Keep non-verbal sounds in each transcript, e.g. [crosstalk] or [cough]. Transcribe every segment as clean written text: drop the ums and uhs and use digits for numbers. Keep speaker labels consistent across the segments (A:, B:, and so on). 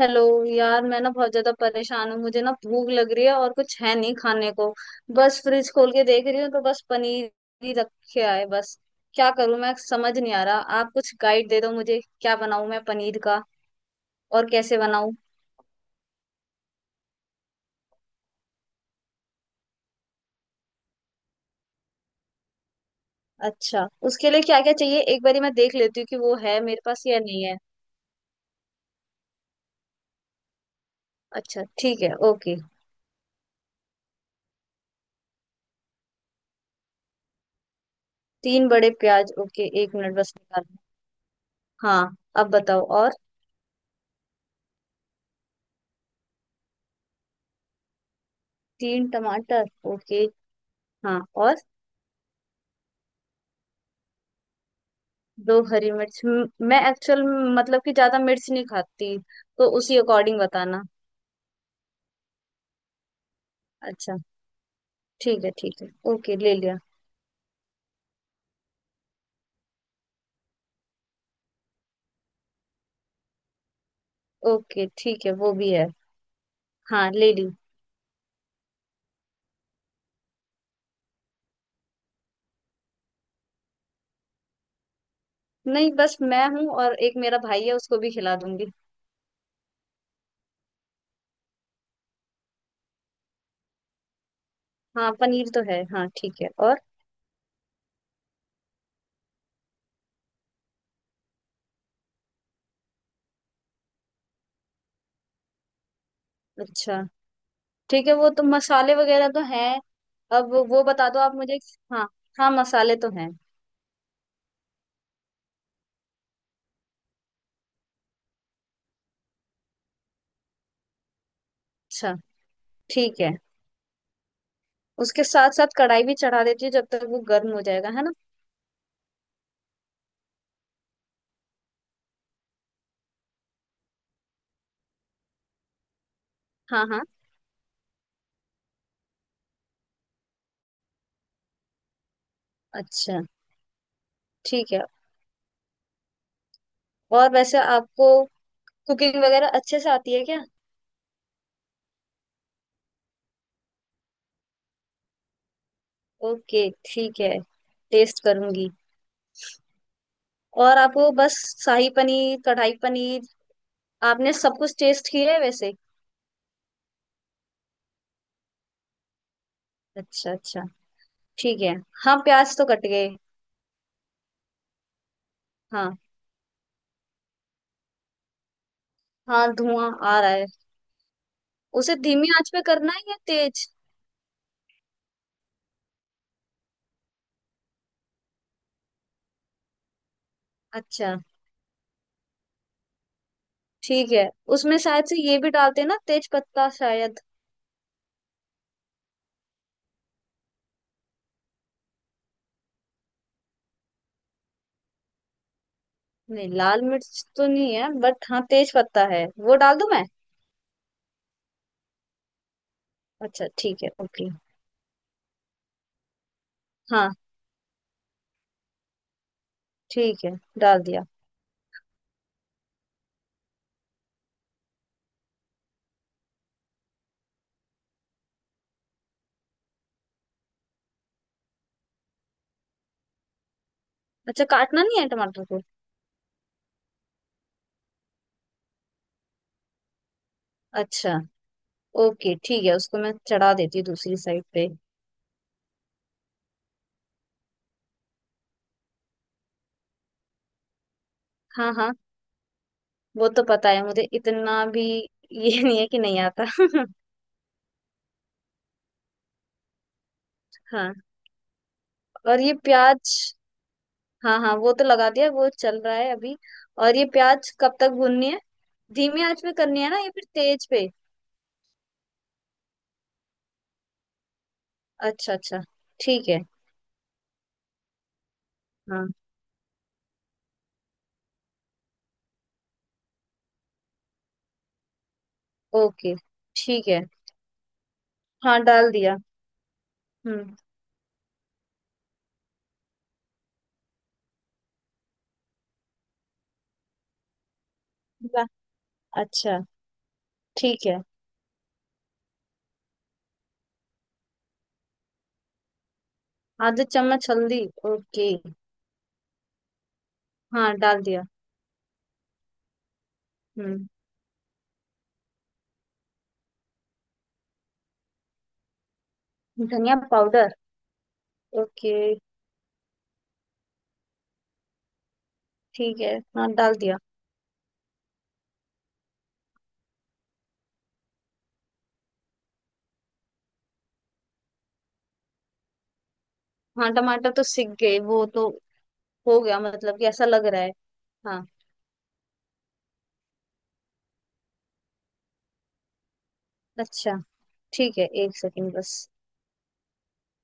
A: Hello यार, मैं ना बहुत ज्यादा परेशान हूँ। मुझे ना भूख लग रही है और कुछ है नहीं खाने को। बस फ्रिज खोल के देख रही हूँ तो बस पनीर ही रखे आए बस। क्या करूँ मैं, समझ नहीं आ रहा। आप कुछ गाइड दे दो, मुझे क्या बनाऊँ मैं पनीर का और कैसे बनाऊँ? अच्छा, उसके लिए क्या क्या चाहिए? एक बारी मैं देख लेती हूँ कि वो है मेरे पास या नहीं है। अच्छा ठीक है, ओके। तीन बड़े प्याज, ओके, एक मिनट बस निकाल। हाँ, अब बताओ और। तीन टमाटर, ओके। हाँ, और? दो हरी मिर्च, मैं एक्चुअल मतलब कि ज्यादा मिर्च नहीं खाती, तो उसी अकॉर्डिंग बताना। अच्छा ठीक है, ठीक है। ओके, ले लिया। ओके ठीक है, वो भी है। हाँ, ले ली। नहीं, बस मैं हूँ और एक मेरा भाई है, उसको भी खिला दूंगी। हाँ, पनीर तो है, हाँ ठीक है, और? अच्छा ठीक है, वो तो मसाले वगैरह तो हैं। अब वो बता दो आप मुझे। हाँ हाँ, मसाले तो हैं। अच्छा ठीक है। उसके साथ साथ कढ़ाई भी चढ़ा देती हूँ, जब तक वो गर्म हो जाएगा, है ना? हाँ। हाँ, अच्छा ठीक है। और वैसे आपको कुकिंग वगैरह अच्छे से आती है क्या? ओके ठीक है, टेस्ट करूंगी। और आपको बस शाही पनीर, कढ़ाई पनीर, आपने सब कुछ टेस्ट किया है वैसे? अच्छा अच्छा, ठीक है। हाँ, प्याज तो कट गए। हाँ हाँ, धुआं आ रहा है। उसे धीमी आंच पे करना है या तेज? अच्छा ठीक है। उसमें शायद से ये भी डालते हैं ना, तेज पत्ता शायद। नहीं, लाल मिर्च तो नहीं है बट हाँ तेज पत्ता है, वो डाल दूं मैं? अच्छा ठीक है, ओके। हाँ ठीक है, डाल दिया। अच्छा, काटना नहीं है टमाटर को? अच्छा, ओके ठीक है। उसको मैं चढ़ा देती हूँ दूसरी साइड पे। हाँ हाँ, वो तो पता है मुझे, इतना भी [laughs] ये नहीं है कि नहीं आता [laughs] हाँ, और ये प्याज। हाँ हाँ, वो तो लगा दिया, वो चल रहा है अभी। और ये प्याज कब तक भूननी है? धीमी आंच पे करनी है ना या फिर तेज पे? अच्छा अच्छा, ठीक है। हाँ। ओके, ठीक है। हाँ, डाल दिया। हम्म। वाह, अच्छा ठीक है। आधा चम्मच हल्दी, ओके। हाँ, डाल दिया। हम्म, धनिया पाउडर, ओके ठीक है। हाँ, डाल दिया। हाँ, टमाटर तो सिक गए वो तो, हो गया, मतलब कि ऐसा लग रहा है। हाँ, अच्छा ठीक है, एक सेकंड बस।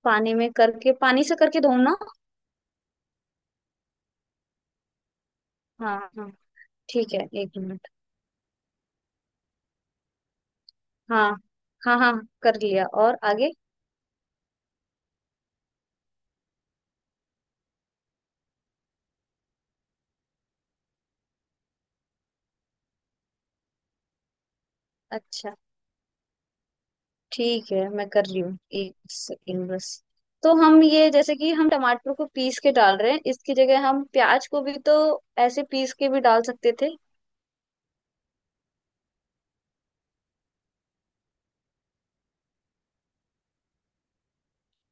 A: पानी में करके, पानी से करके धो ना? हाँ हाँ, ठीक है, एक मिनट। हाँ। हाँ हाँ, कर लिया, और आगे? अच्छा ठीक है, मैं कर रही हूँ, एक सेकंड बस। तो हम ये जैसे कि हम टमाटर को पीस के डाल रहे हैं, इसकी जगह हम प्याज को भी तो ऐसे पीस के भी डाल सकते थे।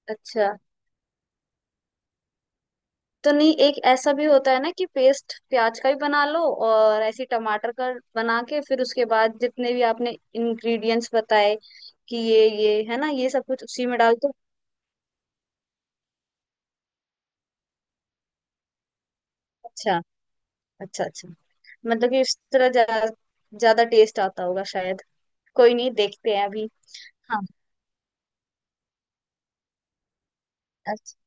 A: अच्छा। तो नहीं, एक ऐसा भी होता है ना कि पेस्ट प्याज का भी बना लो और ऐसे टमाटर का बना के, फिर उसके बाद जितने भी आपने इंग्रेडिएंट्स बताए कि ये है ना ये सब कुछ उसी में डाल दो। अच्छा। अच्छा अच्छा, मतलब कि इस तरह ज्यादा टेस्ट आता होगा शायद। कोई नहीं, देखते हैं अभी। हाँ। अच्छा।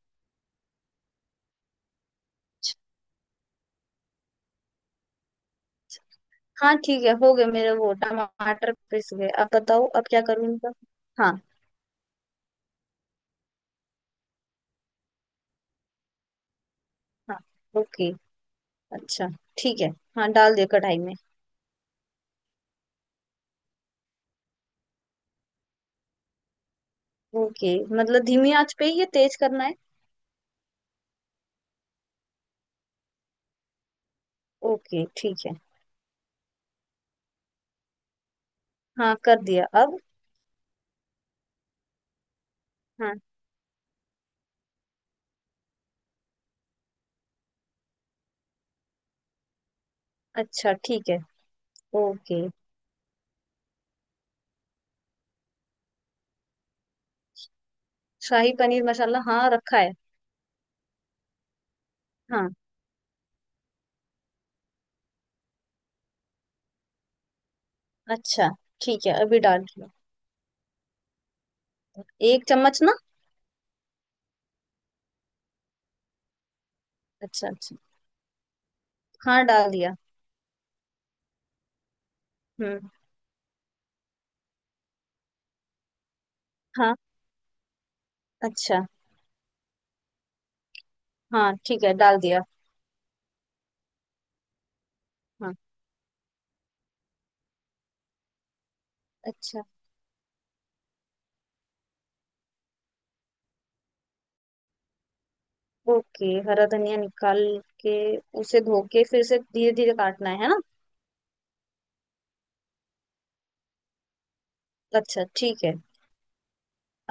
A: अच्छा। हाँ ठीक है, हो गए मेरे वो टमाटर, पिस गए, अब बताओ अब क्या करूँ इनका? हाँ। हाँ ओके, अच्छा ठीक है। हाँ, डाल दिया कढ़ाई में। ओके, मतलब धीमी आंच पे ही ये तेज करना है? ओके ठीक है। हाँ, कर दिया अब। हाँ। अच्छा ठीक है, ओके। शाही पनीर मसाला, हाँ रखा है। हाँ। अच्छा ठीक है, अभी डाल दिया। एक चम्मच ना? अच्छा अच्छा, हाँ, डाल दिया। हम्म। हाँ। अच्छा। हाँ ठीक है, डाल दिया। हाँ। अच्छा। ओके, हरा धनिया निकाल के उसे धो के फिर से धीरे धीरे काटना है ना? अच्छा ठीक है।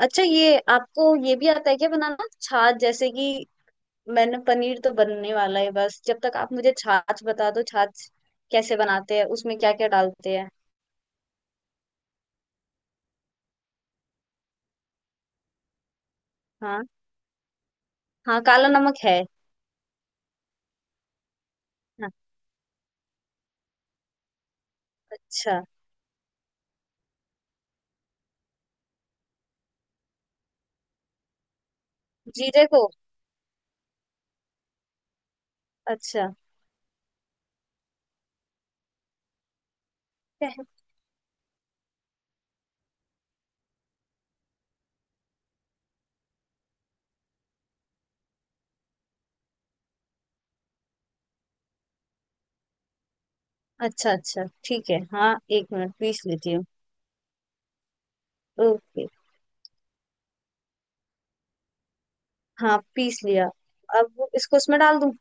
A: अच्छा, ये आपको ये भी आता है क्या बनाना, छाछ, जैसे कि मैंने पनीर तो बनने वाला है, बस जब तक आप मुझे छाछ बता दो, छाछ कैसे बनाते हैं, उसमें क्या क्या डालते हैं? हाँ। हाँ, काला नमक है। हाँ, अच्छा। जीरे को? अच्छा। कह- अच्छा अच्छा ठीक है, हाँ, एक मिनट पीस लेती हूँ। ओके। हाँ, पीस लिया। अब इसको उसमें डाल दूँ?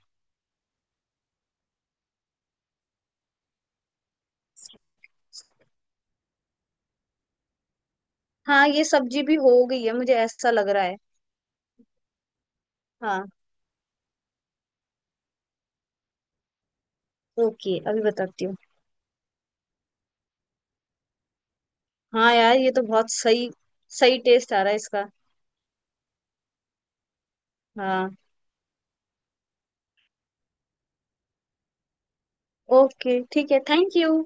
A: हाँ, ये सब्जी भी हो गई है, मुझे ऐसा लग रहा है। हाँ ओके, अभी बताती हूँ। हाँ यार, ये तो बहुत सही, सही टेस्ट आ रहा है इसका। हाँ ओके ठीक है, थैंक यू।